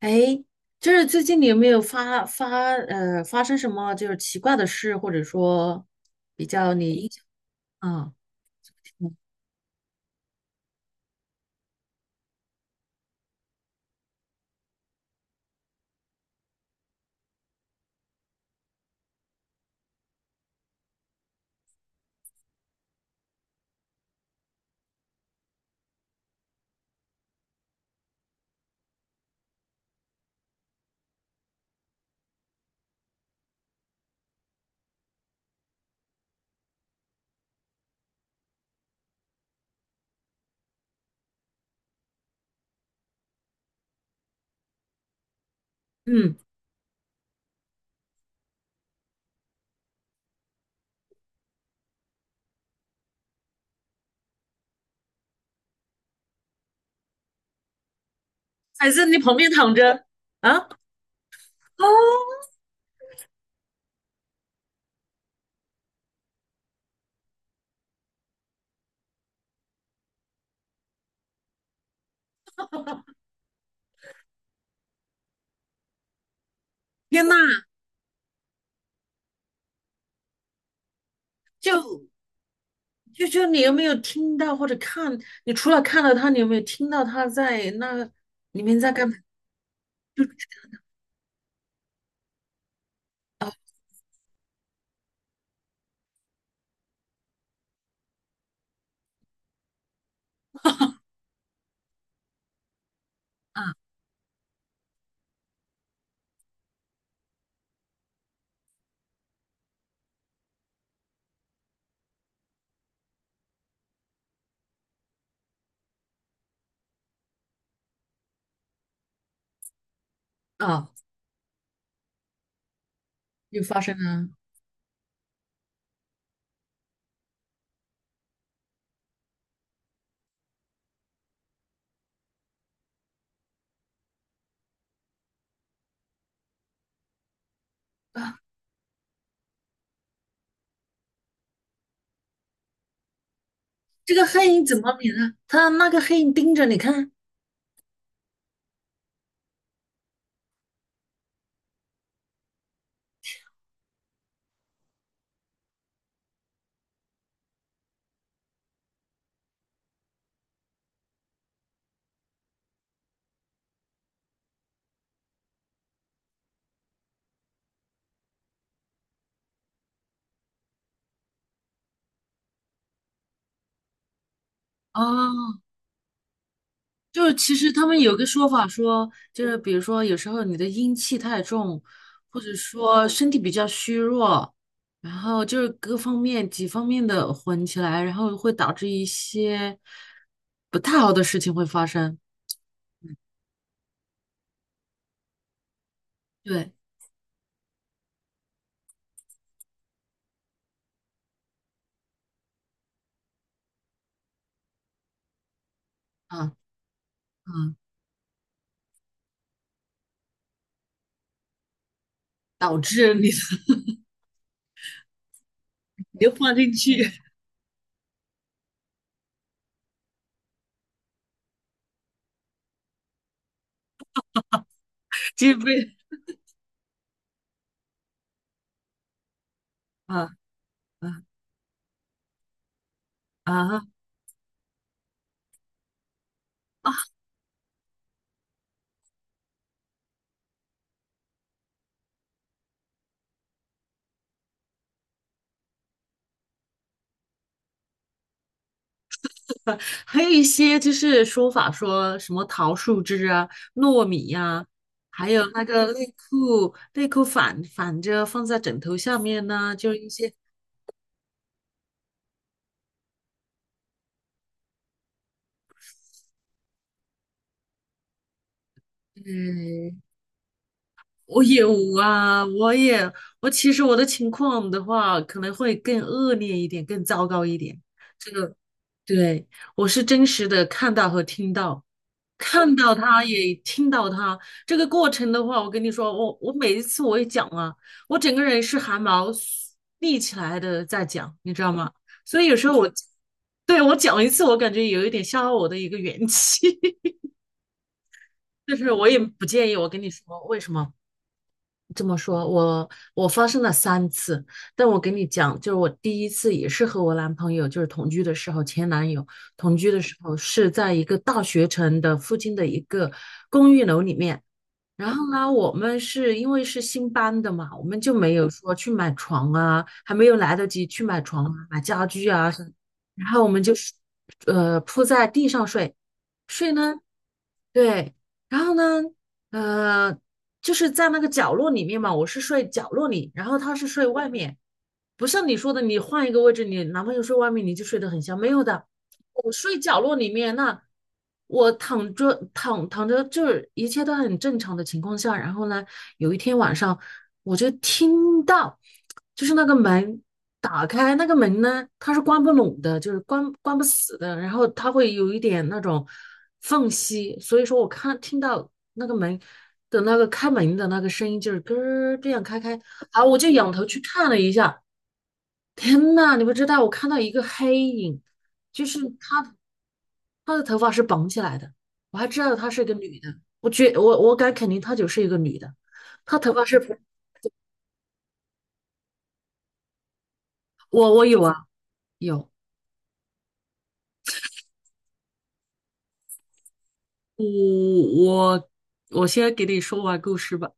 哎，就是最近你有没有发生什么就是奇怪的事，或者说比较你印象啊。嗯，还是你旁边躺着啊？哦，天呐，就就你有没有听到或者看？你除了看到他，你有没有听到他在那里面在干嘛？就啊啊，又发生了啊！这个黑影怎么免呢？他那个黑影盯着你看。哦，就是其实他们有个说法说，就是比如说有时候你的阴气太重，或者说身体比较虚弱，然后就是各方面几方面的混起来，然后会导致一些不太好的事情会发生。对，嗯嗯，导致你 你就放进去，就被啊啊啊。啊 还有一些就是说法说什么桃树枝啊、糯米呀、还有那个内裤反着放在枕头下面呢、就一些。嗯，我有啊，我其实我的情况的话，可能会更恶劣一点，更糟糕一点。这个对，我是真实的看到和听到，看到他也听到他。这个过程的话，我跟你说，我每一次我也讲啊，我整个人是汗毛立起来的在讲，你知道吗？所以有时候我，对，我讲一次，我感觉有一点消耗我的一个元气，但是我也不介意。我跟你说，为什么？这么说，我发生了三次，但我跟你讲，就是我第一次也是和我男朋友，就是同居的时候，前男友同居的时候是在一个大学城的附近的一个公寓楼里面。然后呢，我们是因为是新搬的嘛，我们就没有说去买床啊，还没有来得及去买床啊、买家具啊什么。然后我们就是，铺在地上睡，睡呢，对。然后呢，呃，就是在那个角落里面嘛，我是睡角落里，然后他是睡外面，不像你说的，你换一个位置，你男朋友睡外面，你就睡得很香，没有的，我睡角落里面，那我躺着，就是一切都很正常的情况下。然后呢，有一天晚上我就听到，就是那个门打开，那个门呢，它是关不拢的，就是关不死的，然后它会有一点那种缝隙，所以说我听到那个门的那个开门的那个声音，就是咯儿这样开开，好，我就仰头去看了一下。天呐，你不知道，我看到一个黑影，就是他，他的头发是绑起来的，我还知道他是一个女的，我觉我我敢肯定她就是一个女的，她头发是，我有啊，有。我我我先给你说完故事吧，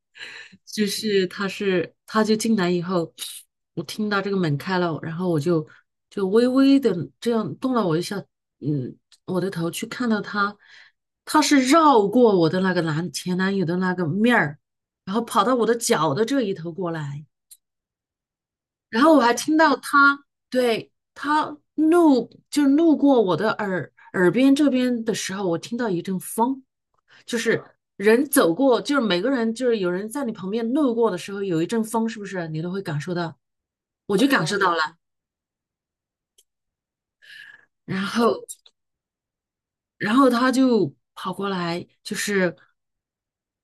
就是他就进来以后，我听到这个门开了，然后我就微微的这样动了我一下，嗯，我的头去看到他，他是绕过我的那个男前男友的那个面儿，然后跑到我的脚的这一头过来，然后我还听到他对他路就是路过我的耳边这边的时候，我听到一阵风。就是人走过，就是每个人，就是有人在你旁边路过的时候，有一阵风，是不是你都会感受到？我就感受到了，然后，然后他就跑过来，就是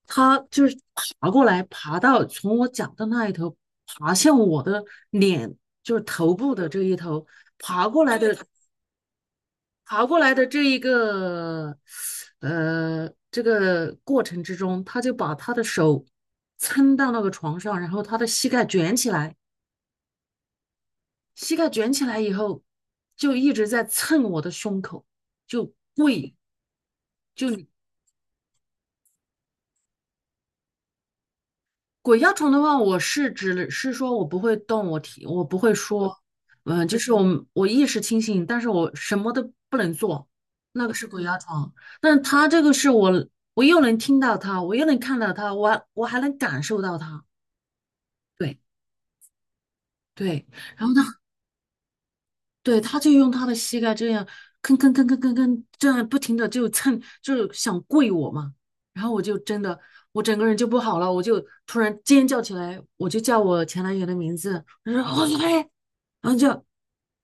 他就是爬过来，爬到从我脚的那一头，爬向我的脸，就是头部的这一头，爬过来的，爬过来的,这一个，这个过程之中，他就把他的手撑到那个床上，然后他的膝盖卷起来。膝盖卷起来以后，就一直在蹭我的胸口，就跪，就鬼压床的话，我是指是说我不会动，我不会说，嗯，就是我意识清醒，但是我什么都不能做，那个是鬼压床。但他这个是我，我又能听到他，我又能看到他，我还能感受到他，对对。然后他。对，他就用他的膝盖这样吭吭吭吭吭吭，这样不停的就蹭，就是想跪我嘛。然后我就真的，我整个人就不好了，我就突然尖叫起来，我就叫我前男友的名字，我说侯子飞，然后就，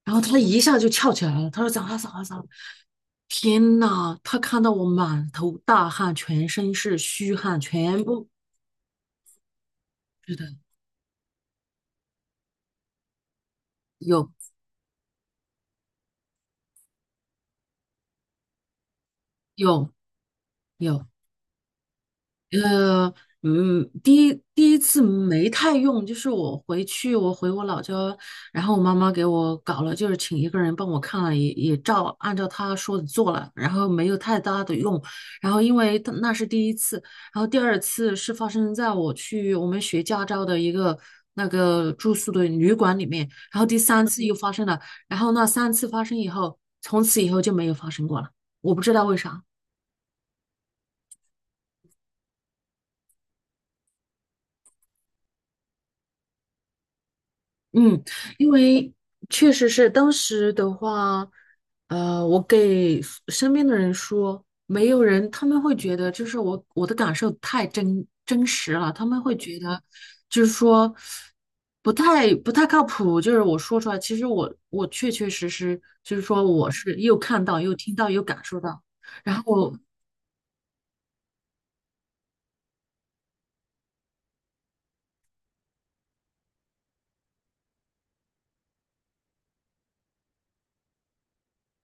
然后他一下就翘起来了，他说咋了咋了咋了？天呐，他看到我满头大汗，全身是虚汗，全部是的，有有有。呃，第一次没太用，就是我回去，我回我老家，然后我妈妈给我搞了，就是请一个人帮我看了，也按照她说的做了，然后没有太大的用，然后因为她那是第一次，然后第二次是发生在我去我们学驾照的一个那个住宿的旅馆里面，然后第三次又发生了，然后那三次发生以后，从此以后就没有发生过了，我不知道为啥。嗯，因为确实是当时的话，我给 身边的人说，没有人，他们会觉得就是我的感受太真实了，他们会觉得就是说不太靠谱，就是我说出来，其实我确确实实就是说我是又看到又听到又感受到，然后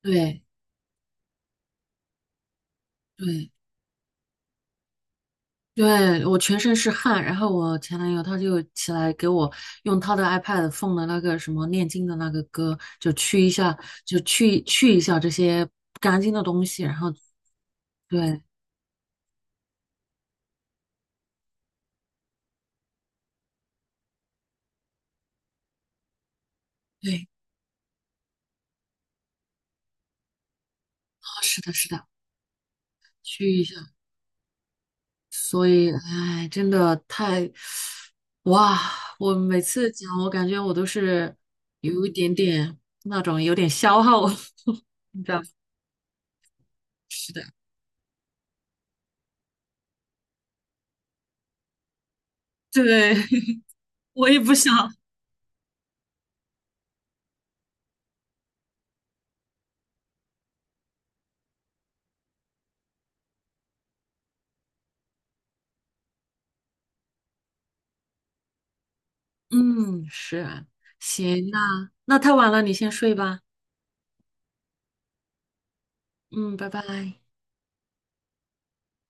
对对。对，我全身是汗，然后我前男友他就起来给我用他的 iPad 放的那个什么念经的那个歌，就去一下，去一下这些不干净的东西，然后对对，啊是的，是的，去一下，所以哎，真的太，哇，我每次讲，我感觉我都是有一点点那种有点消耗，你知道吗？是的，对，我也不想。嗯，是啊，行，那太晚了，你先睡吧。嗯，拜拜。